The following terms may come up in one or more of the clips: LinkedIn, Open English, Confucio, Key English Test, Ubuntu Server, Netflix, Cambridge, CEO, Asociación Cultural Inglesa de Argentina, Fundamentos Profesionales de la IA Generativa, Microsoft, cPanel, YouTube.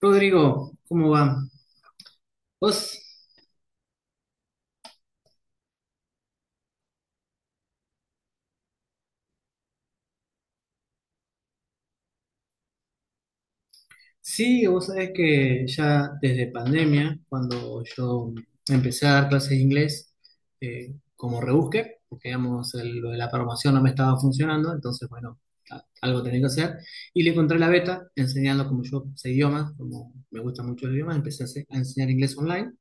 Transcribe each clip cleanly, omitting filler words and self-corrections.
Rodrigo, ¿cómo va? Vos, sí, vos sabés que ya desde pandemia, cuando yo empecé a dar clases de inglés, como rebusque, porque digamos, lo de la programación no me estaba funcionando, entonces, bueno, algo tenía que hacer, y le encontré la beta enseñando como yo sé idiomas, como me gusta mucho el idioma, empecé a enseñar inglés online.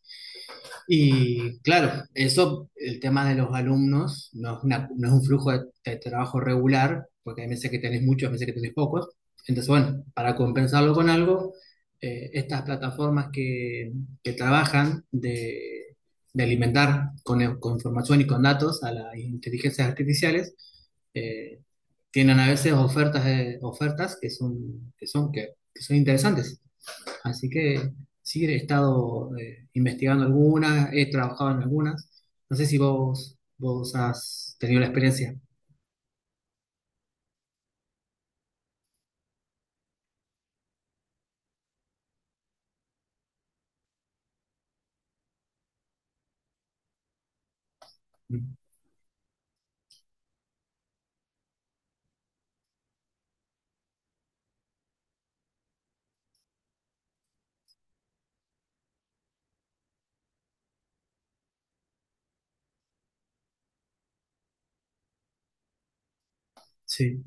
Y claro, eso, el tema de los alumnos no es un flujo de trabajo regular, porque hay meses que tenés muchos, hay meses que tenés pocos. Entonces, bueno, para compensarlo con algo, estas plataformas que trabajan de alimentar con información y con datos a las inteligencias artificiales, eh, tienen a veces ofertas, ofertas que son interesantes. Así que sí, he estado investigando algunas, he trabajado en algunas. No sé si vos has tenido la experiencia. Mm, sí.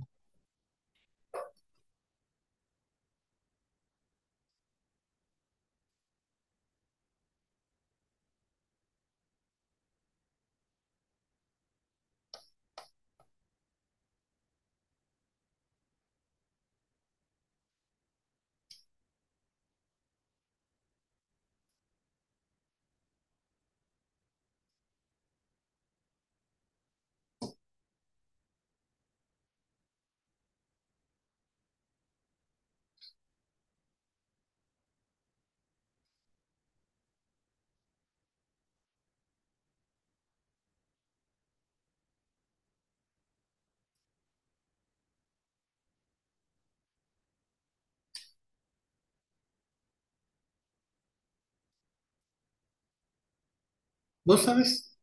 Vos sabes,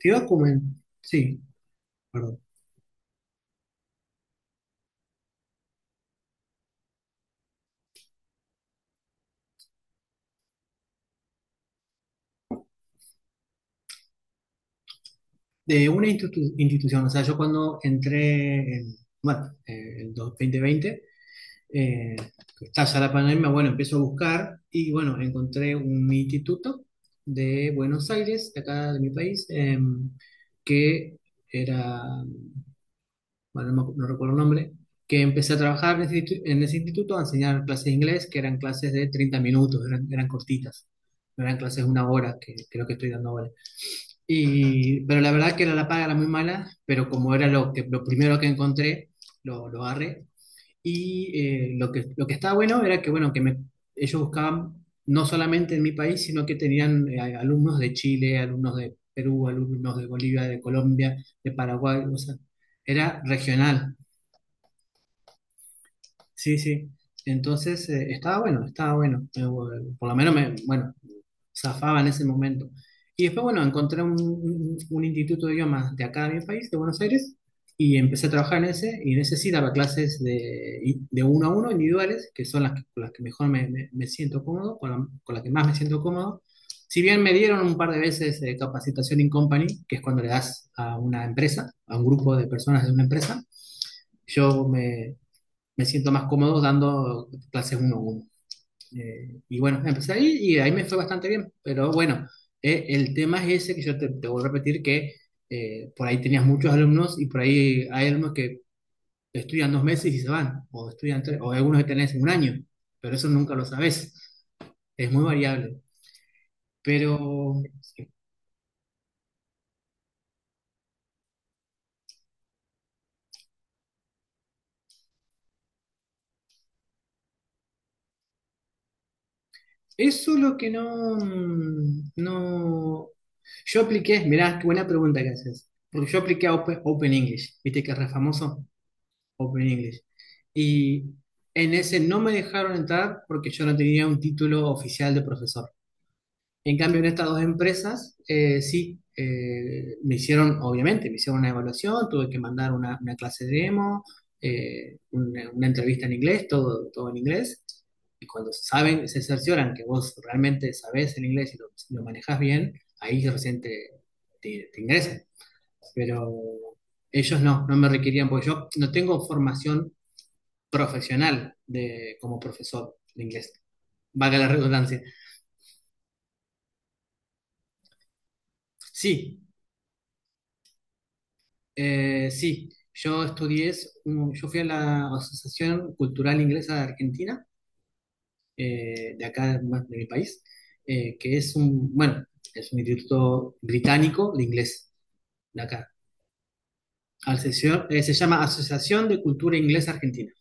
te iba a comen- sí, perdón, de una institución. O sea, yo cuando entré en, bueno, el 2020, eh, está ya la pandemia, bueno, empiezo a buscar y bueno, encontré un instituto de Buenos Aires, de acá de mi país, que era bueno, no, no recuerdo el nombre, que empecé a trabajar en ese instituto a enseñar clases de inglés, que eran clases de 30 minutos, eran cortitas, no eran clases de una hora, que creo que estoy dando ahora. Y pero la verdad que la paga era muy mala, pero como era lo primero que encontré, lo agarré. Y lo que estaba bueno era que, bueno, ellos buscaban no solamente en mi país, sino que tenían alumnos de Chile, alumnos de Perú, alumnos de Bolivia, de Colombia, de Paraguay, o sea, era regional. Sí, sí. Entonces, estaba bueno, estaba bueno. Por lo menos me, bueno, zafaba en ese momento. Y después, bueno, encontré un instituto de idiomas de acá de mi país, de Buenos Aires, y empecé a trabajar en ese, y en ese sí daba clases de uno a uno, individuales, que son las que, con las que mejor me siento cómodo, con las que más me siento cómodo. Si bien me dieron un par de veces capacitación in company, que es cuando le das a una empresa, a un grupo de personas de una empresa, yo me siento más cómodo dando clases uno a uno. Y bueno, empecé ahí y ahí me fue bastante bien, pero bueno, el tema es ese que yo te vuelvo a repetir que por ahí tenías muchos alumnos y por ahí hay alumnos que estudian 2 meses y se van, o estudian tres, o algunos que tenés un año, pero eso nunca lo sabés, es muy variable. Pero eso lo que no, no, yo apliqué, mirá, qué buena pregunta que haces, porque yo apliqué a Open English, viste que es re famoso. Open English. Y en ese no me dejaron entrar porque yo no tenía un título oficial de profesor. En cambio, en estas dos empresas, sí, me hicieron, obviamente, me hicieron una evaluación, tuve que mandar una clase de demo, una entrevista en inglés, todo, todo en inglés. Y cuando saben, se cercioran que vos realmente sabés el inglés y lo manejás bien, ahí recién te ingresan. Pero ellos no me requerían, porque yo no tengo formación profesional de, como profesor de inglés, valga la redundancia. Sí, sí, yo estudié, yo fui a la Asociación Cultural Inglesa de Argentina, de acá más de mi país, que es un, bueno, es un instituto británico de inglés, de acá. Se llama Asociación de Cultura Inglesa Argentina.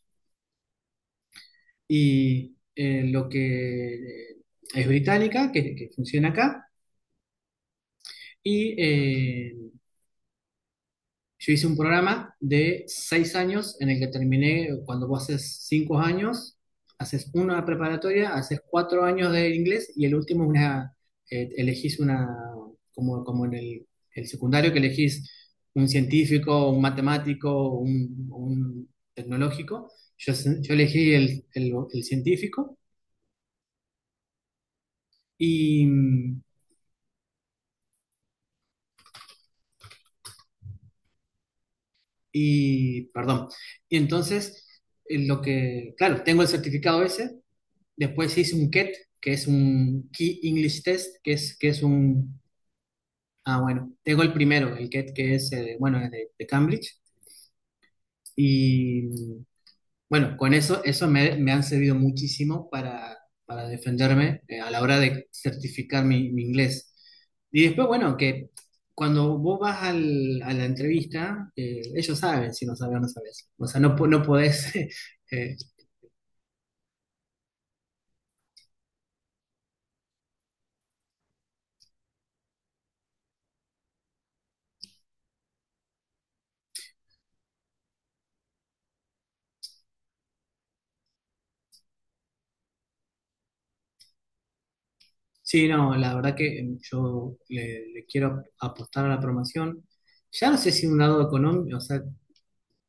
Y lo que es británica, que funciona acá, y yo hice un programa de 6 años en el que terminé, cuando vos haces 5 años, haces una preparatoria, haces 4 años de inglés y el último elegís una, como en el secundario que elegís un científico, un matemático, un tecnológico. Yo, yo elegí el científico y, perdón, y entonces lo que, claro, tengo el certificado ese. Después hice un KET, que es un Key English Test, que es un... Ah, bueno, tengo el primero, el KET, que es, bueno, es de Cambridge. Y bueno, con eso me han servido muchísimo para defenderme a la hora de certificar mi inglés. Y después, bueno, que cuando vos vas a la entrevista, ellos saben si no sabes o no sabes. O sea, no, no podés eh, sí, no, la verdad que yo le quiero apostar a la promoción. Ya no sé si un lado económico, o sea,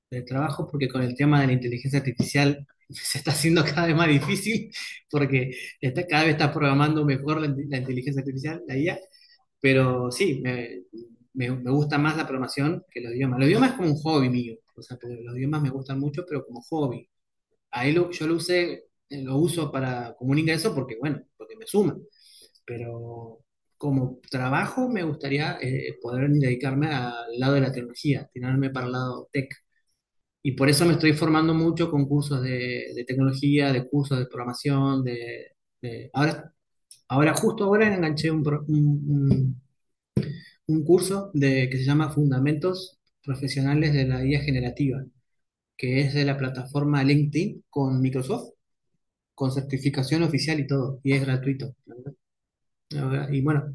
de trabajo, porque con el tema de la inteligencia artificial se está haciendo cada vez más difícil, porque está, cada vez está programando mejor la inteligencia artificial, la IA. Pero sí, me gusta más la programación que los idiomas. Los idiomas es como un hobby mío, o sea, porque los idiomas me gustan mucho, pero como hobby. Ahí yo lo usé, lo uso para, como un ingreso porque, bueno, porque me suma, pero como trabajo me gustaría poder dedicarme al lado de la tecnología, tirarme para el lado tech. Y por eso me estoy formando mucho con cursos de tecnología, de cursos de programación, ahora, justo ahora enganché un, pro- un curso que se llama Fundamentos Profesionales de la IA Generativa, que es de la plataforma LinkedIn con Microsoft, con certificación oficial y todo, y es gratuito. Ahora. Y bueno,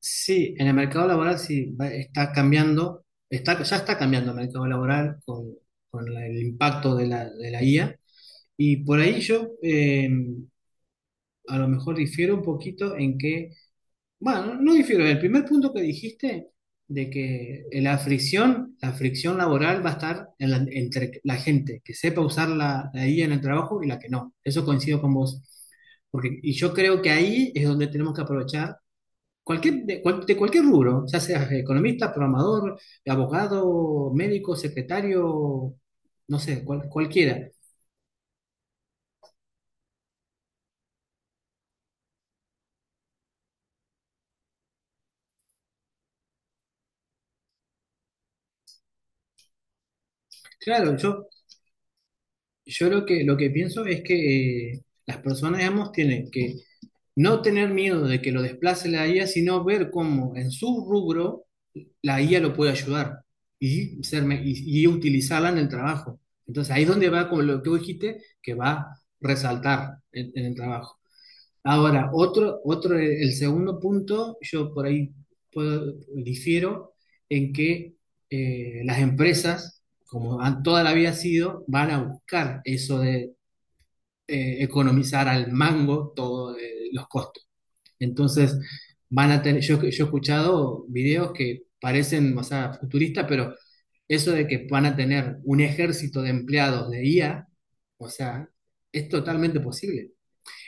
sí, en el mercado laboral sí está cambiando, ya está cambiando el mercado laboral con el impacto de la IA. Y por ahí yo a lo mejor difiero un poquito en que, bueno, no difiero, el primer punto que dijiste de que la fricción, laboral va a estar entre la gente que sepa usar la IA en el trabajo y la que no. Eso coincido con vos. Porque, y yo creo que ahí es donde tenemos que aprovechar. De cualquier rubro, ya seas economista, programador, abogado, médico, secretario, no sé, cualquiera. Claro, yo lo que pienso es que las personas, digamos, tienen que no tener miedo de que lo desplace la IA, sino ver cómo en su rubro la IA lo puede ayudar y utilizarla en el trabajo. Entonces ahí es donde va, como lo que vos dijiste, que va a resaltar en el trabajo. Ahora, el segundo punto, yo por ahí difiero en que las empresas, como han, toda la vida sido, van a buscar eso de economizar al mango todos los costos. Entonces, van a tener, yo he escuchado videos que parecen, o sea, futuristas, pero eso de que van a tener un ejército de empleados de IA, o sea, es totalmente posible.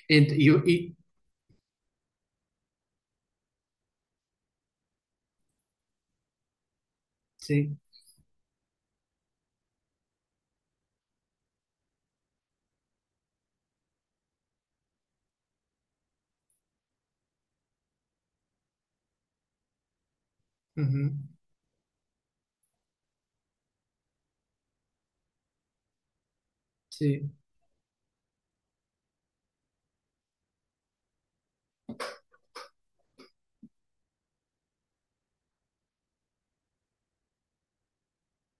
Ent- y, y- sí. Ujú. Sí,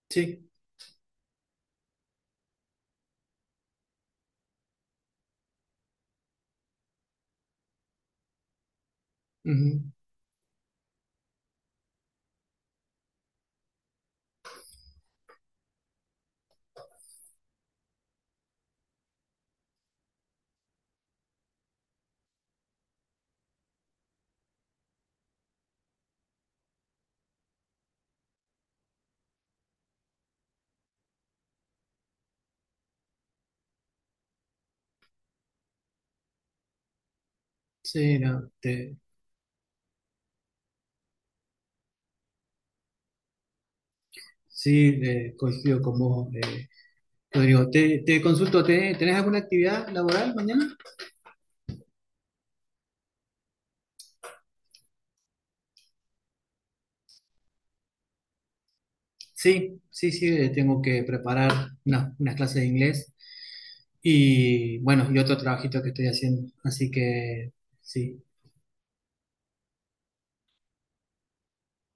sí. Ujú. Sí, no, sí, coincido con vos, Rodrigo. Te consulto, ¿tenés alguna actividad laboral mañana? Sí, sí, sí, tengo que preparar unas clases de inglés y bueno, y otro trabajito que estoy haciendo, así que sí,